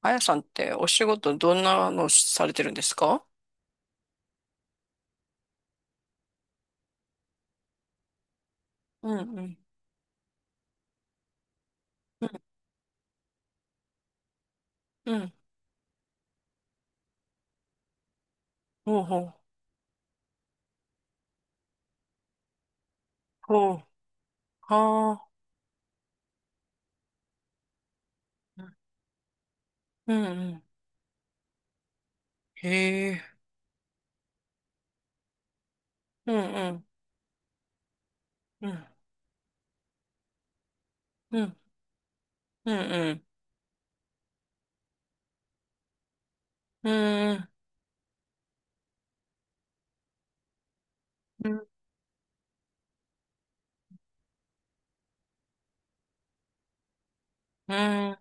あやさんってお仕事どんなのされてるんですか？うんうん。うん。うん。ほうほう。ほう。はあ。うんうん。へえ。うんうん。うん。うん。うんうん。うんうん。うん。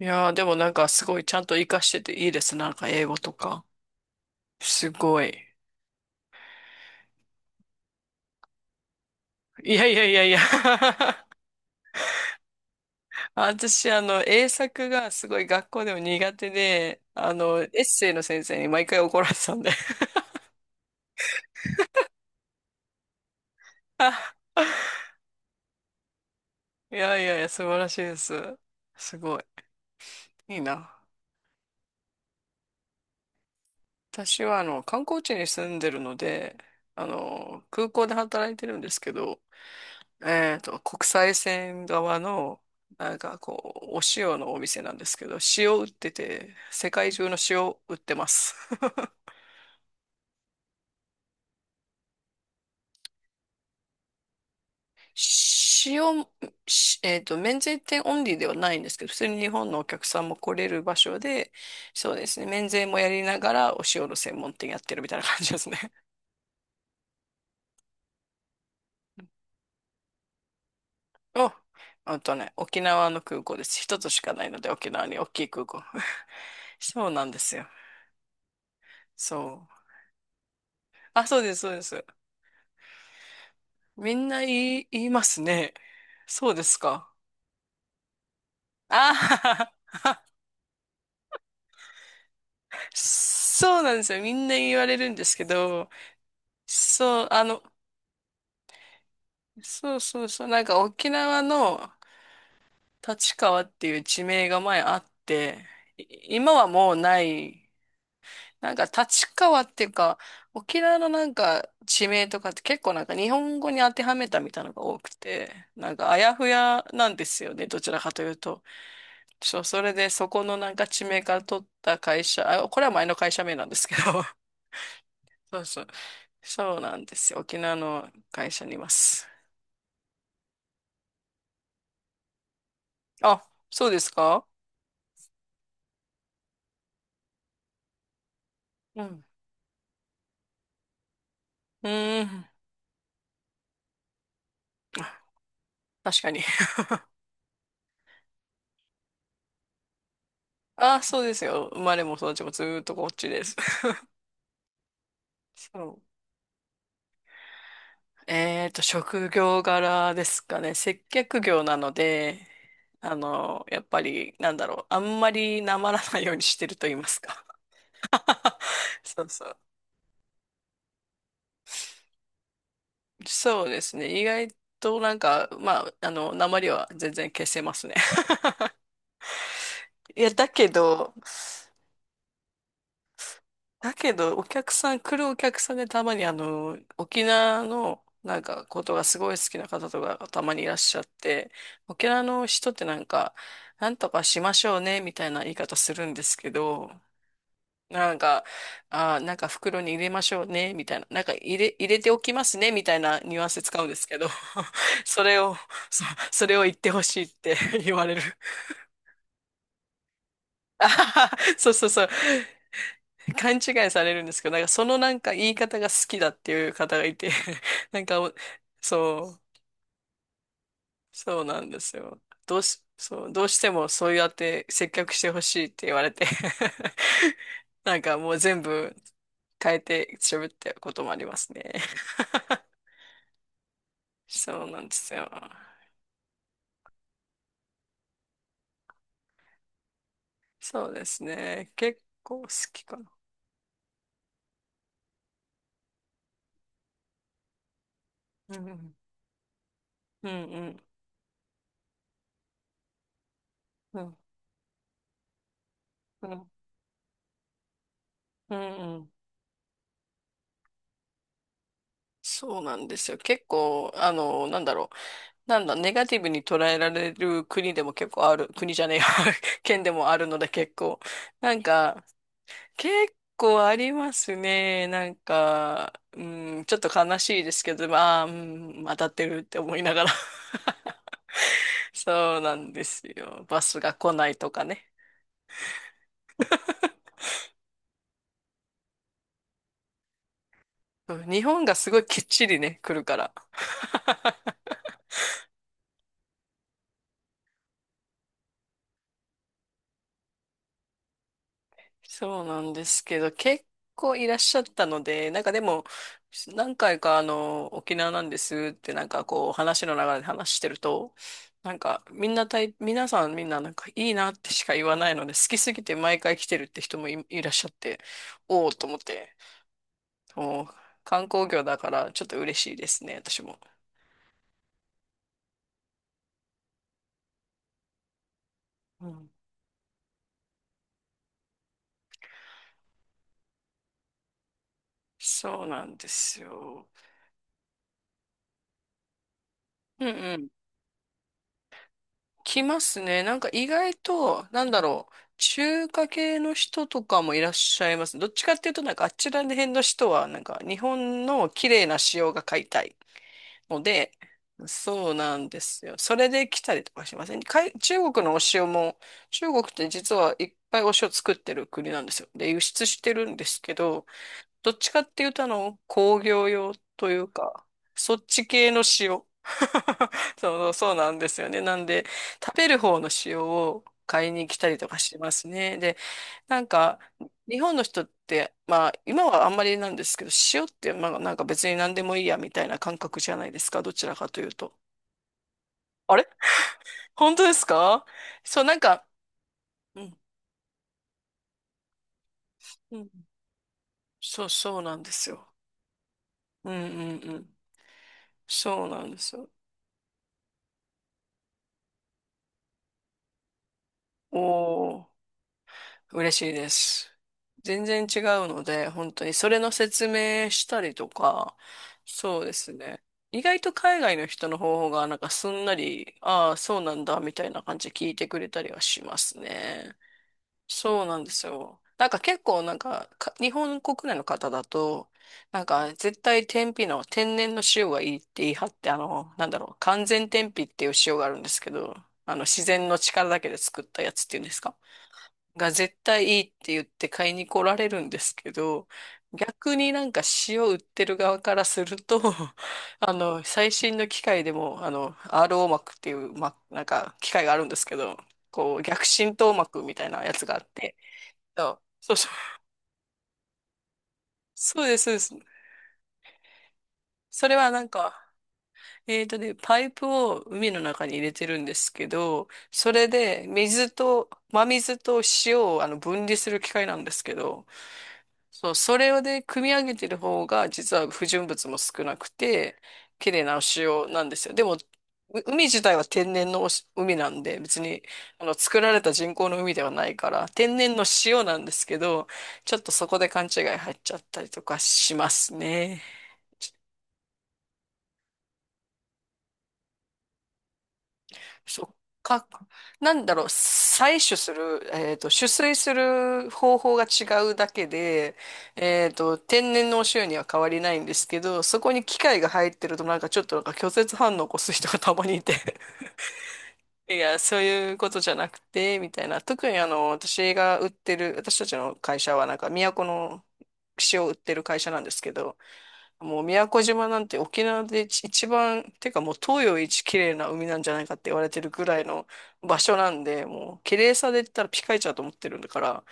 いやー、でもなんかすごいちゃんと活かしてていいです。なんか英語とか。すごい。いやいやいやいや 私、英作がすごい学校でも苦手で、エッセイの先生に毎回怒られてたんで いやいやいや、素晴らしいです。すごい。いいな。私は、観光地に住んでるので、空港で働いてるんですけど、国際線側の、なんかこう、お塩のお店なんですけど、塩売ってて、世界中の塩売ってます。塩、しえっと、免税店オンリーではないんですけど、普通に日本のお客さんも来れる場所で、そうですね、免税もやりながらお塩の専門店やってるみたいな感じですね。お、あとね、沖縄の空港です。一つしかないので、沖縄に大きい空港。そうなんですよ。そう。あ、そうです、そうです。みんな言い、言いますね。そうですか。ああ、そうなんですよ。みんな言われるんですけど、そう、そうそうそう、なんか沖縄の立川っていう地名が前あって、今はもうない。なんか立川っていうか、沖縄のなんか地名とかって結構なんか日本語に当てはめたみたいなのが多くて、なんかあやふやなんですよね、どちらかというと。そう、それでそこのなんか地名から取った会社、あ、これは前の会社名なんですけど、そうそう。そうなんですよ。沖縄の会社にいます。あ、そうですか？うん。うーん。確かに。あ、そうですよ。生まれも育ちもずーっとこっちです。そう。職業柄ですかね。接客業なので、やっぱり、なんだろう、あんまりなまらないようにしてると言いますか。そうそう。そうですね。意外となんか、なまりは全然消せますね。いや、だけど、お客さん、来るお客さんでたまに沖縄のなんかことがすごい好きな方とかたまにいらっしゃって、沖縄の人ってなんか、なんとかしましょうね、みたいな言い方するんですけど、なんか、なんか袋に入れましょうね、みたいな、入れておきますね、みたいなニュアンス使うんですけど、それを、そ、それを言ってほしいって 言われる。あはは、そうそうそう。勘違いされるんですけど、なんかそのなんか言い方が好きだっていう方がいて、なんかお、そう、そうなんですよ。どうし、そう、どうしてもそうやって接客してほしいって言われて なんかもう全部変えて喋ってることもありますね。そうなんですよ。そうですね。結構好きかな。うんうん。うんうん。うんうん。うんうん。そうなんですよ。結構、なんだろう。なんだ、ネガティブに捉えられる国でも結構ある、国じゃねえや、県でもあるので結構。なんか、結構ありますね。なんか、うん、ちょっと悲しいですけど、まあ、うん、当たってるって思いながら。そうなんですよ。バスが来ないとかね。うん。日本がすごいきっちりね、来るから。そうなんですけど、結構いらっしゃったので、なんかでも、何回か沖縄なんですってなんかこう、話の流れで話してると、なんかみんなたい、皆さんみんななんかいいなってしか言わないので、好きすぎて毎回来てるって人もいらっしゃって、おおと思って、もう観光業だからちょっと嬉しいですね、私も。うん、そうなんですよ。うん。来ますね。なんか意外と、なんだろう、中華系の人とかもいらっしゃいます。どっちかっていうと、なんかあちら辺の人は、なんか日本の綺麗な塩が買いたいので、そうなんですよ。それで来たりとかしません。中国のお塩も、中国って実はいっぱいお塩作ってる国なんですよ。で、輸出してるんですけど、どっちかっていうと、工業用というか、そっち系の塩。そう、そうなんですよね。なんで、食べる方の塩を買いに来たりとかしてますね。で、なんか、日本の人って、まあ、今はあんまりなんですけど、塩って、まあ、なんか別に何でもいいやみたいな感覚じゃないですか、どちらかというと。あれ、本当ですか？そう、なんか、うん、うん、そう、そうなんですよ。うん、うん、うん。そうなんですよ。おー。嬉しいです。全然違うので、本当にそれの説明したりとか、そうですね。意外と海外の人の方法がなんかすんなり、ああ、そうなんだ、みたいな感じで聞いてくれたりはしますね。そうなんですよ。なんか結構なんか、日本国内の方だと、なんか絶対天日の天然の塩がいいって言い張って、なんだろう、完全天日っていう塩があるんですけど、あの自然の力だけで作ったやつっていうんですか、が絶対いいって言って買いに来られるんですけど、逆になんか塩売ってる側からすると、最新の機械でも、RO 膜っていう、なんか機械があるんですけど、こう、逆浸透膜みたいなやつがあって、そうそうそう、そうです、そうです。それはなんか、パイプを海の中に入れてるんですけど、それで水と、真水と塩を分離する機械なんですけど、そう、それで組み上げてる方が実は不純物も少なくて綺麗なお塩なんですよ。で、もう海自体は天然の海なんで、別に作られた人工の海ではないから天然の塩なんですけど、ちょっとそこで勘違い入っちゃったりとかしますね。そっか。なんだろう、採取する、取水する方法が違うだけで、天然のお塩には変わりないんですけど、そこに機械が入ってるとなんかちょっとなんか拒絶反応を起こす人がたまにいて、いや、そういうことじゃなくて、みたいな。特に私が売ってる、私たちの会社はなんか、宮古の串を売ってる会社なんですけど、もう宮古島なんて沖縄で一番、てかもう東洋一綺麗な海なんじゃないかって言われてるぐらいの場所なんで、もう綺麗さで言ったらピカイチだと思ってるんだから、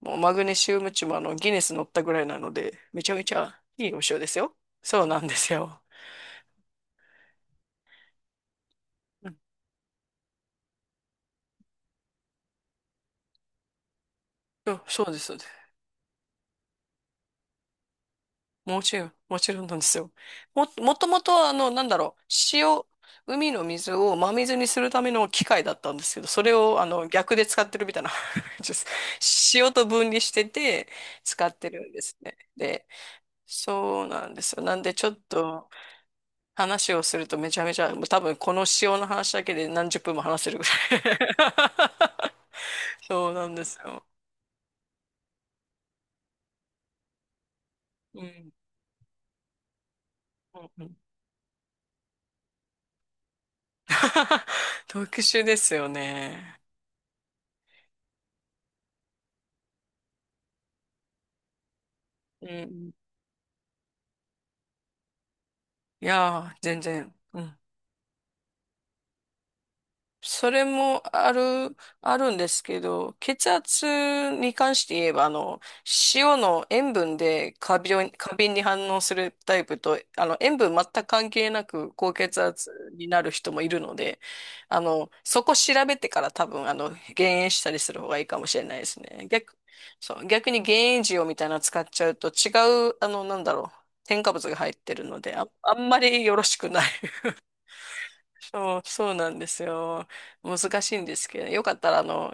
もうマグネシウムチもギネス乗ったぐらいなので、めちゃめちゃいいお塩ですよ。そうなんですよ。うん。そうそうです。もちろん、もちろんなんですよ。もともと、なんだろう、塩、海の水を真水にするための機械だったんですけど、それを、逆で使ってるみたいな。ちょっと塩と分離してて、使ってるんですね。で、そうなんですよ。なんで、ちょっと、話をするとめちゃめちゃ、もう多分この塩の話だけで何十分も話せるぐらい。そうなんですよ。うん。うんうん。 特殊ですよね。うん。いやー、全然。うん。それもあるんですけど、血圧に関して言えば、塩の塩分で過敏に反応するタイプと、塩分全く関係なく高血圧になる人もいるので、そこ調べてから多分、減塩したりする方がいいかもしれないですね。そう、逆に減塩塩みたいなの使っちゃうと違う。なんだろう、添加物が入ってるので、あ、あんまりよろしくない。そう、そうなんですよ。難しいんですけど、よかったら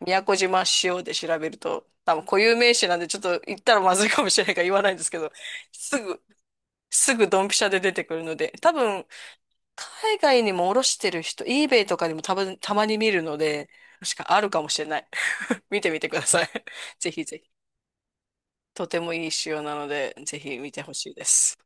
宮古島塩で調べると、多分固有名詞なんでちょっと言ったらまずいかもしれないから言わないんですけど、すぐ、すぐドンピシャで出てくるので、多分、海外にも卸してる人、eBay とかにも多分、たまに見るので、確かあるかもしれない。見てみてください。ぜひぜひ。とてもいい塩なので、ぜひ見てほしいです。